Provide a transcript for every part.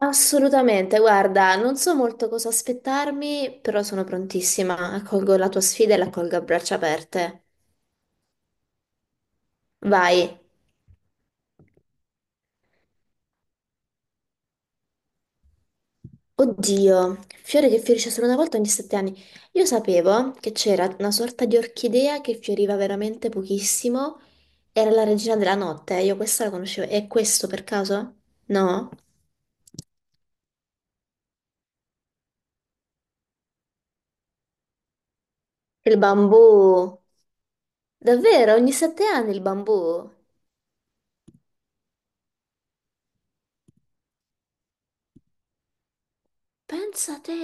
Assolutamente, guarda, non so molto cosa aspettarmi, però sono prontissima. Accolgo la tua sfida e l'accolgo a braccia aperte. Vai. Oddio, fiore che fiorisce solo una volta ogni 7 anni. Io sapevo che c'era una sorta di orchidea che fioriva veramente pochissimo. Era la regina della notte, io questa la conoscevo. È questo per caso? No? Il bambù. Davvero, ogni 7 anni il bambù? Pensa a te.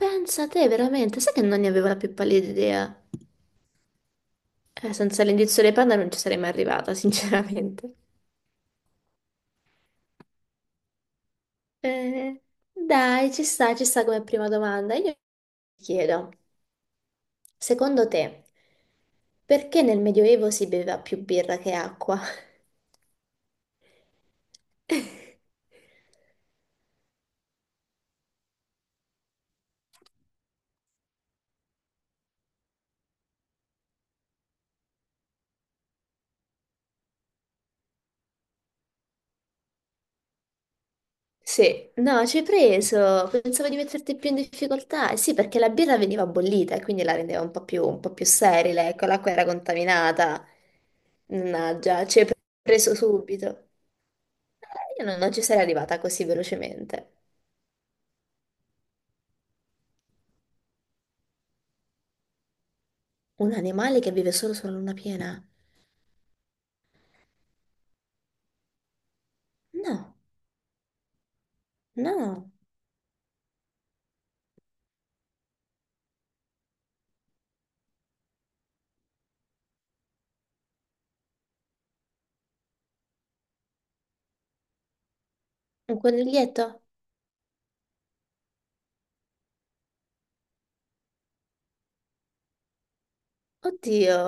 Pensa te, veramente, sai che non ne avevo la più pallida idea? Senza l'indizio dei panda non ci sarei mai arrivata, sinceramente. Eh, dai, ci sta come prima domanda. Io ti chiedo, secondo te, perché nel Medioevo si beveva più birra che acqua? Sì, no, ci hai preso, pensavo di metterti più in difficoltà. Eh sì, perché la birra veniva bollita e quindi la rendeva un po' più sterile, ecco, l'acqua era contaminata. Mannaggia, ci hai preso subito. Eh, Io non ci sarei arrivata così velocemente. Un animale che vive solo sulla luna piena? No, no. Un coniglietto? Oddio,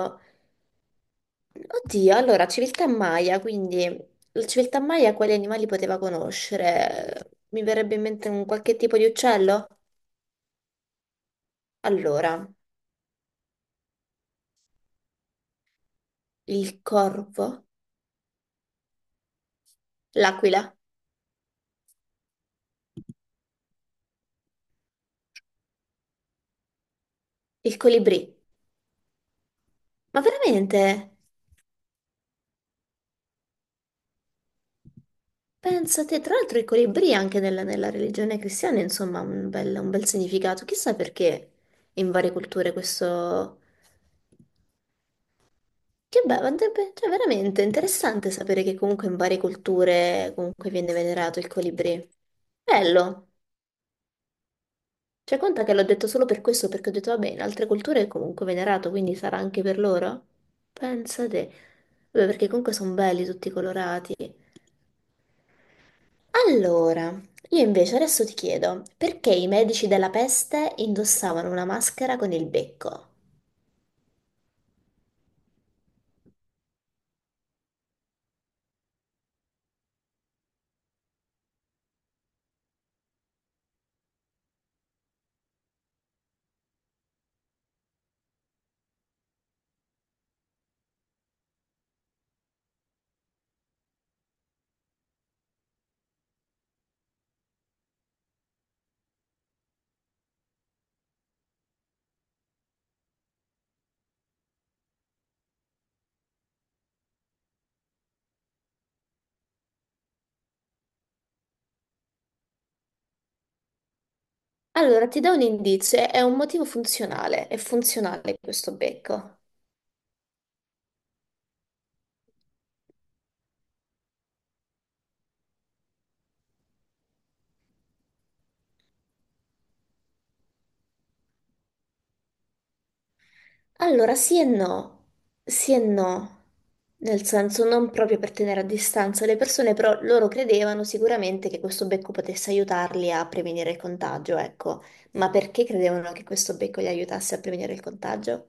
oddio. Allora, civiltà Maya, quindi la civiltà Maya quali animali poteva conoscere? Mi verrebbe in mente un qualche tipo di uccello? Allora, il corvo, l'aquila, il colibrì. Ma veramente? Pensate, tra l'altro i colibrì anche nella religione cristiana, insomma, un bel significato. Chissà perché in varie culture questo... Che bello, andrebbe- cioè veramente interessante sapere che comunque in varie culture comunque viene venerato il colibrì. Bello! Cioè, conta che l'ho detto solo per questo, perché ho detto, vabbè, in altre culture è comunque venerato, quindi sarà anche per loro? Pensate. Vabbè, perché comunque sono belli tutti colorati. Allora, io invece adesso ti chiedo, perché i medici della peste indossavano una maschera con il becco? Allora, ti do un indizio, è un motivo funzionale, è funzionale questo becco. Allora, sì e no, nel senso non proprio per tenere a distanza le persone, però loro credevano sicuramente che questo becco potesse aiutarli a prevenire il contagio, ecco. Ma perché credevano che questo becco li aiutasse a prevenire il contagio?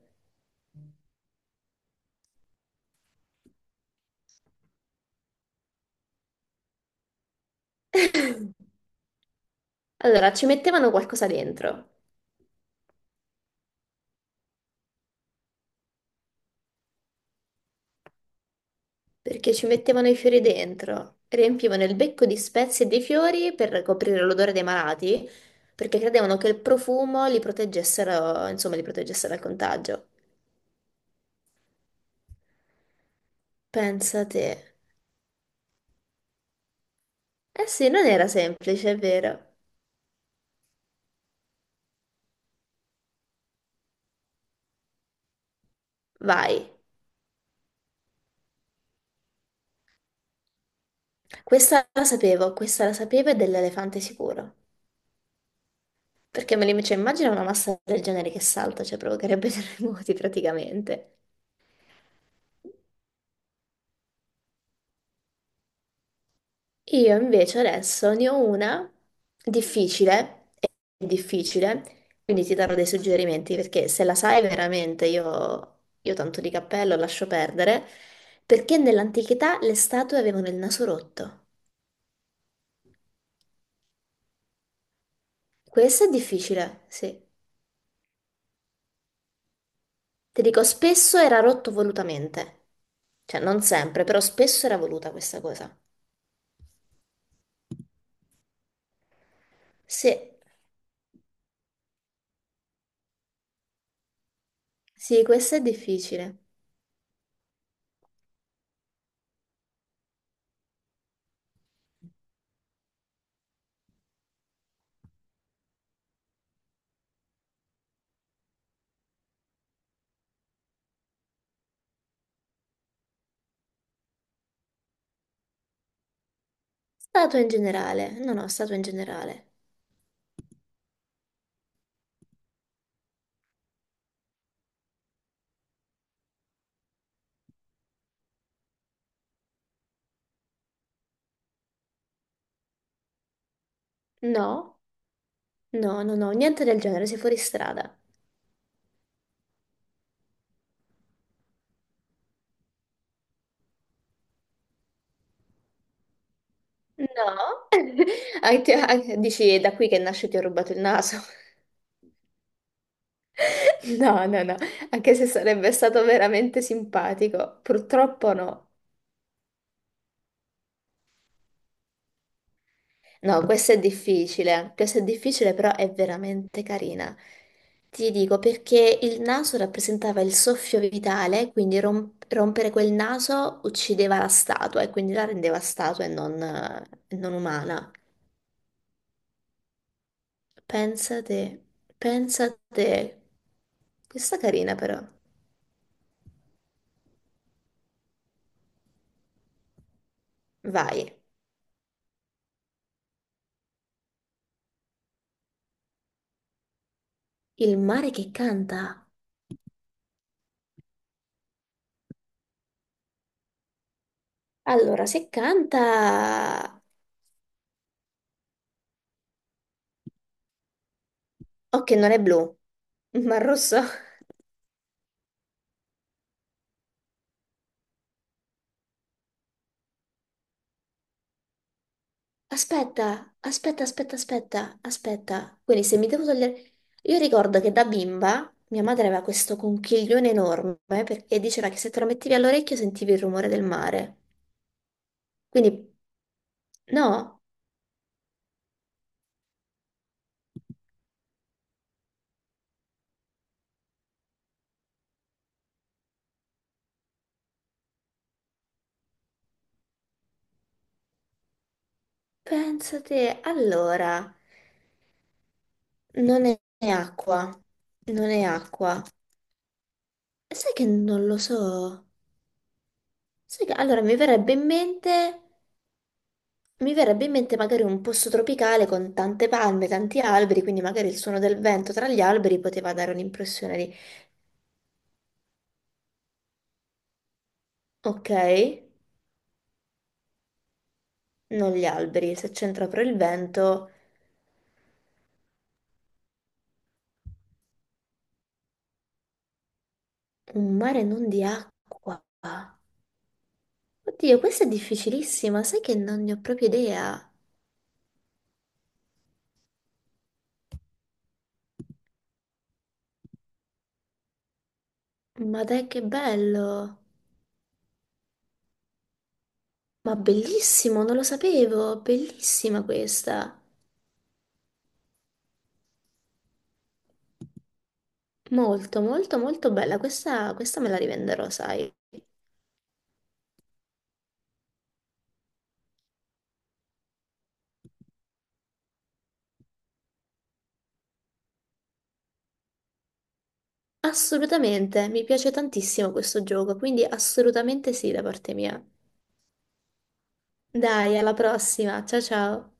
Allora, ci mettevano qualcosa dentro. Perché ci mettevano i fiori dentro, riempivano il becco di spezie e di fiori per coprire l'odore dei malati, perché credevano che il profumo li proteggessero, insomma, li protegesse dal contagio. Pensa te. Eh sì, non era semplice, è vero. Vai. Questa la sapevo e dell'elefante sicuro. Perché me li cioè, immagino una massa del genere che salta, cioè provocherebbe terremoti praticamente. Io invece adesso ne ho una difficile, è difficile, quindi ti darò dei suggerimenti perché se la sai veramente io tanto di cappello lascio perdere, perché nell'antichità le statue avevano il naso rotto. Questo è difficile, sì. Ti dico, spesso era rotto volutamente, cioè non sempre, però spesso era voluta questa cosa. Sì, sì, questo è difficile. Statua in generale, no, no, statua in generale. No? No, no, no, niente del genere, sei fuori strada. No? Ah, ti- ah, dici, è da qui che nasce ti ho rubato il naso. No, no, no, anche se sarebbe stato veramente simpatico, purtroppo no. No, questa è difficile, però è veramente carina. Ti dico perché il naso rappresentava il soffio vitale, quindi rompere quel naso uccideva la statua e quindi la rendeva statua e non, non umana. Pensa te, pensa te. Questa è carina però. Vai. Il mare che canta. Allora, se canta... Ok, non è blu, ma rosso. Aspetta, aspetta, aspetta, aspetta, aspetta. Quindi se mi devo togliere... Io ricordo che da bimba mia madre aveva questo conchiglione enorme perché diceva che se te lo mettevi all'orecchio sentivi il rumore del mare. Quindi, no, pensa te. Allora... Non è è acqua, non è acqua. Sai che non lo so. Sai che... Allora mi verrebbe in mente, mi verrebbe in mente magari un posto tropicale con tante palme, tanti alberi, quindi magari il suono del vento tra gli alberi poteva dare un'impressione di, ok, non gli alberi, se c'entra però il vento, un mare non di acqua. Oddio, questa è difficilissima, sai che non ne ho proprio idea. Ma dai, che bello! Ma bellissimo, non lo sapevo, bellissima questa. Molto, molto, molto bella. Questa me la rivenderò, sai. Assolutamente, mi piace tantissimo questo gioco, quindi assolutamente sì da parte mia. Dai, alla prossima. Ciao ciao.